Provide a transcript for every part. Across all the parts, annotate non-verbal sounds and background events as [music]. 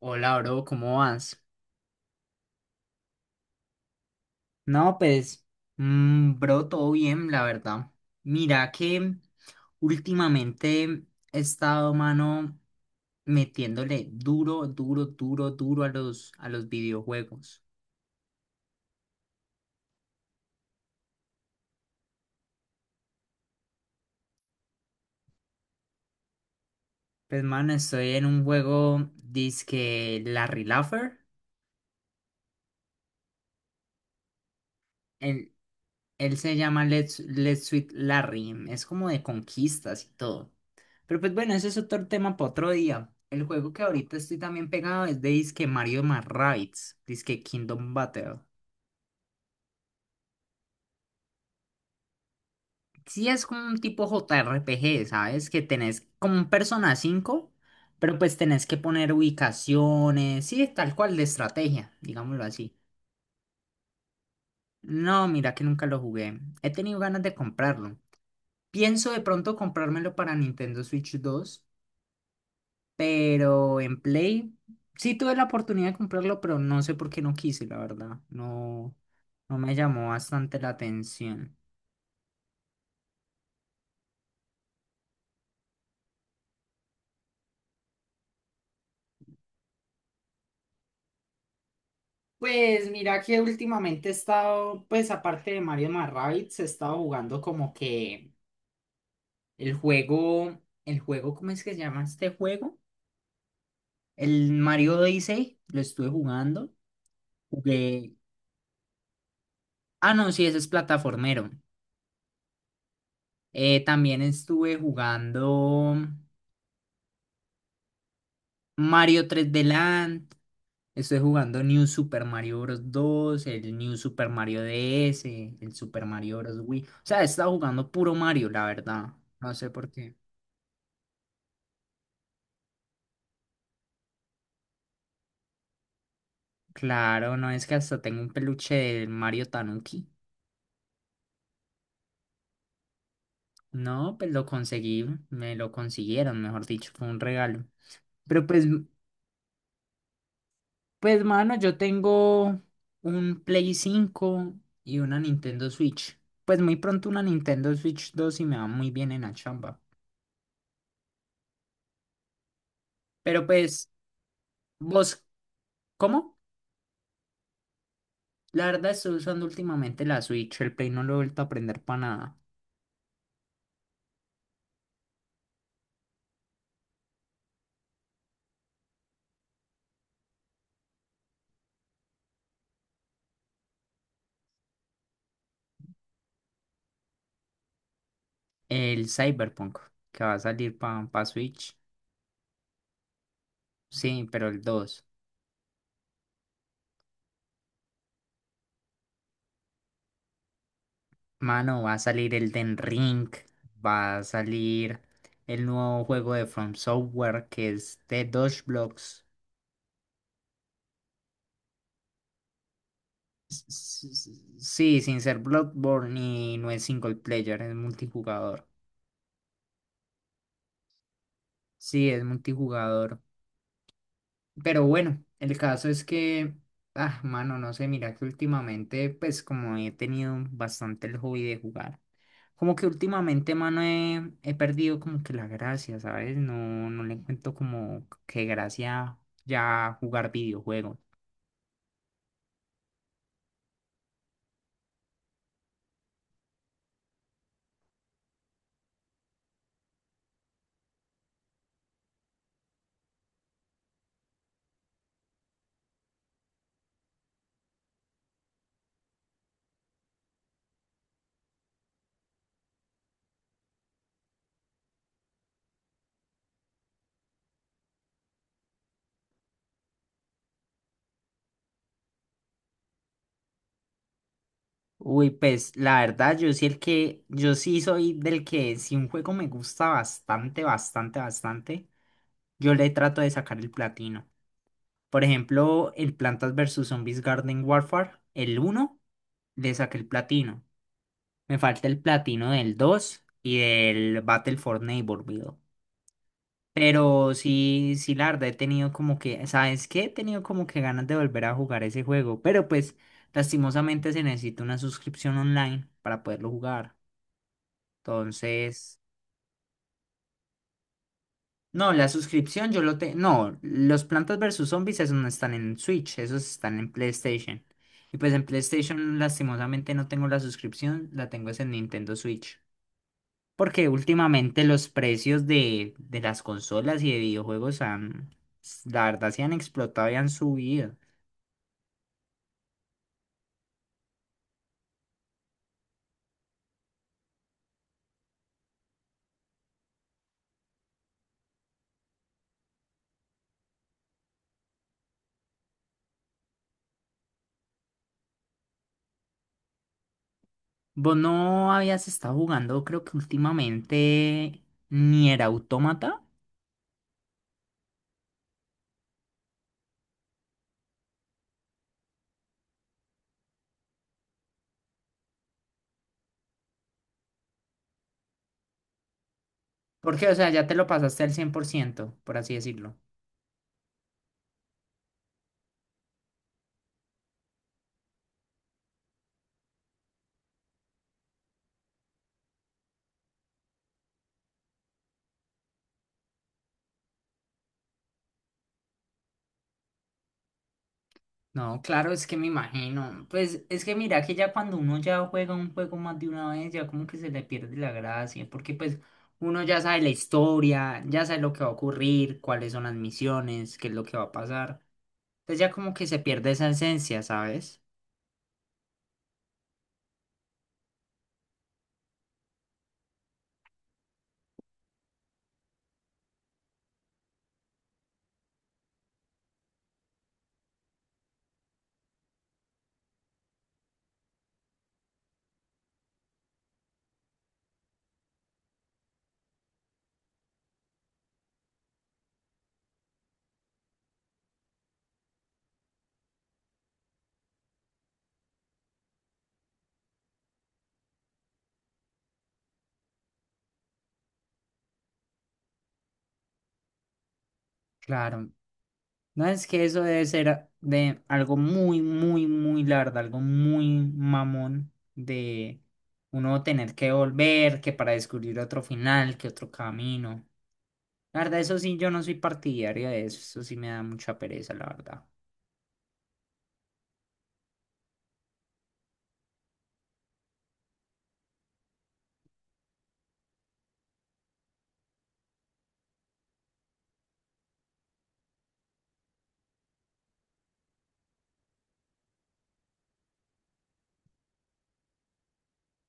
Hola, bro, ¿cómo vas? No, pues, bro, todo bien, la verdad. Mira que últimamente he estado, mano, metiéndole duro, duro, duro, duro a los videojuegos. Pues, mano, estoy en un juego, dizque Larry Laffer. Él se llama Let's Sweet Larry. Es como de conquistas y todo. Pero pues bueno, ese es otro tema para otro día. El juego que ahorita estoy también pegado es de Disque Mario más Rabbids, Disque Kingdom Battle. Sí es como un tipo JRPG, ¿sabes? Que tenés como un Persona 5, pero pues tenés que poner ubicaciones, sí, tal cual de estrategia, digámoslo así. No, mira que nunca lo jugué. He tenido ganas de comprarlo. Pienso de pronto comprármelo para Nintendo Switch 2. Pero en Play sí tuve la oportunidad de comprarlo, pero no sé por qué no quise, la verdad. No, no me llamó bastante la atención. Pues mira que últimamente he estado, pues aparte de Mario más Rabbids, he estado jugando como que el juego, ¿cómo es que se llama este juego? El Mario Odyssey, lo estuve jugando. Jugué. Ah, no, sí, ese es plataformero. También estuve jugando Mario 3D Land. Estoy jugando New Super Mario Bros. 2, el New Super Mario DS, el Super Mario Bros. Wii. O sea, he estado jugando puro Mario, la verdad. No sé por qué. Claro, no es que hasta tengo un peluche del Mario Tanuki. No, pues lo conseguí, me lo consiguieron, mejor dicho, fue un regalo. Pero pues, pues mano, yo tengo un Play 5 y una Nintendo Switch. Pues muy pronto una Nintendo Switch 2 y me va muy bien en la chamba. Pero pues, ¿vos cómo? La verdad estoy usando últimamente la Switch, el Play no lo he vuelto a aprender para nada. El Cyberpunk, que va a salir para Switch. Sí, pero el dos. Mano, va a salir el Den Ring, va a salir el nuevo juego de From Software que es The Dodge Blocks. Sí, sin ser Bloodborne y no es single player, es multijugador. Sí, es multijugador. Pero bueno, el caso es que, ah, mano, no sé, mira que últimamente, pues como he tenido bastante el hobby de jugar, como que últimamente, mano, he perdido como que la gracia, ¿sabes? No, no le encuentro como que gracia ya jugar videojuegos. Uy, pues la verdad, yo sí soy del que si un juego me gusta bastante, bastante, bastante, yo le trato de sacar el platino. Por ejemplo, el Plantas versus Zombies Garden Warfare, el uno le saqué el platino. Me falta el platino del 2 y del Battle for Neighborhood. Pero sí, sí, la verdad he tenido como que, ¿sabes qué? He tenido como que ganas de volver a jugar ese juego. Pero pues, lastimosamente se necesita una suscripción online para poderlo jugar. Entonces, no, la suscripción yo lo tengo. No, los Plantas versus Zombies, esos no están en Switch, esos están en PlayStation. Y pues en PlayStation, lastimosamente, no tengo la suscripción, la tengo es en Nintendo Switch. Porque últimamente los precios de las consolas y de videojuegos han, la verdad, se han explotado y han subido. Vos no habías estado jugando, creo que últimamente, ni era Autómata. Porque, o sea, ya te lo pasaste al 100%, por así decirlo. No, claro, es que me imagino. Pues es que mira que ya cuando uno ya juega un juego más de una vez, ya como que se le pierde la gracia, porque pues uno ya sabe la historia, ya sabe lo que va a ocurrir, cuáles son las misiones, qué es lo que va a pasar. Entonces ya como que se pierde esa esencia, ¿sabes? Claro. No es que eso debe ser de algo muy, muy, muy largo, algo muy mamón de uno tener que volver, que para descubrir otro final, que otro camino. La verdad, eso sí, yo no soy partidario de eso, eso sí me da mucha pereza, la verdad.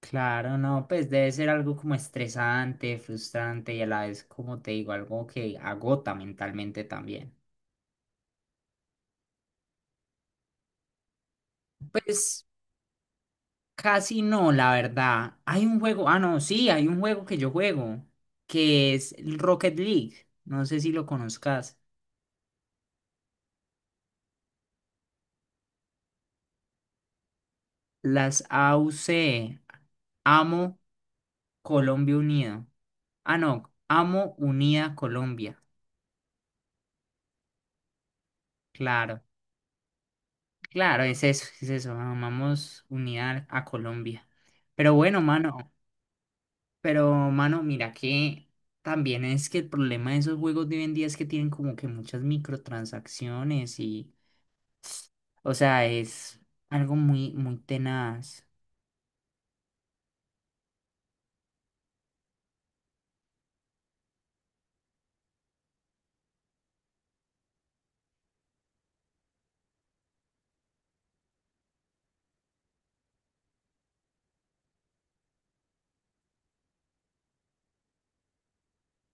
Claro, no, pues debe ser algo como estresante, frustrante y a la vez, como te digo, algo que agota mentalmente también. Pues casi no, la verdad. Hay un juego, ah, no, sí, hay un juego que yo juego, que es el Rocket League. No sé si lo conozcas. Las AUC, Amo Colombia Unido. Ah, no, Amo Unida Colombia. Claro. Claro, es eso, es eso. Vamos unidad a Colombia. Pero bueno, mano, pero mano, mira que también es que el problema de esos juegos de hoy en día es que tienen como que muchas microtransacciones y, o sea, es algo muy, muy tenaz.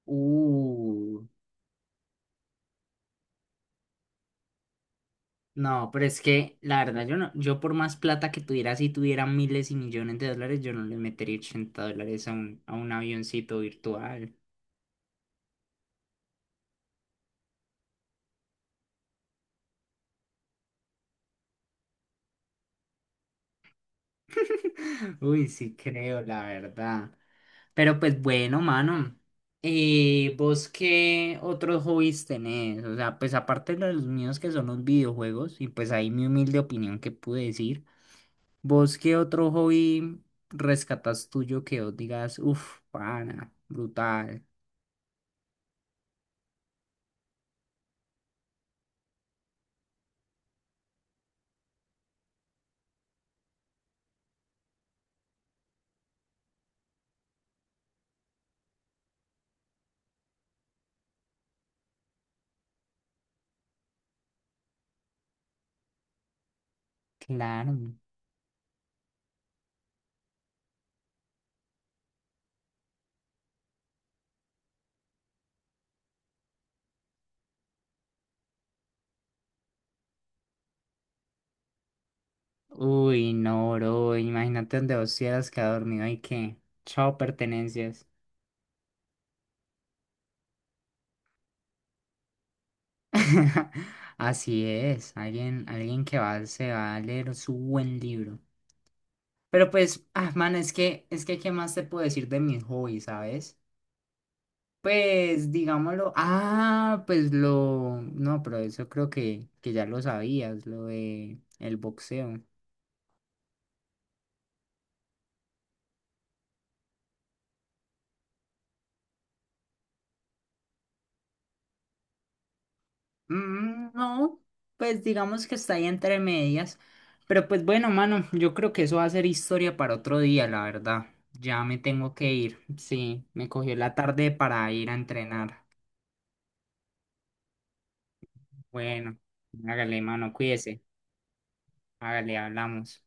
Uh, no, pero es que la verdad yo no, yo por más plata que tuviera, si tuviera miles y millones de dólares, yo no le metería $80 a un avioncito virtual. [laughs] Uy, sí creo, la verdad. Pero pues bueno, mano. ¿Vos qué otros hobbies tenés? O sea, pues aparte de los míos que son los videojuegos, y pues ahí mi humilde opinión que pude decir, ¿vos qué otro hobby rescatas tuyo que vos digas, uff, pana, brutal? Claro. Uy, no, bro, imagínate donde vos hubieras quedado dormido y que, chao, pertenencias. [laughs] Así es, alguien, alguien que va, se va a leer su buen libro. Pero pues, ah, man, es que, ¿qué más te puedo decir de mi hobby, sabes? Pues, digámoslo, ah, pues lo, no, pero eso creo que ya lo sabías, lo de el boxeo. Mm, no, pues digamos que está ahí entre medias. Pero pues bueno, mano, yo creo que eso va a ser historia para otro día, la verdad. Ya me tengo que ir. Sí, me cogió la tarde para ir a entrenar. Bueno, hágale, mano, cuídese. Hágale, hablamos.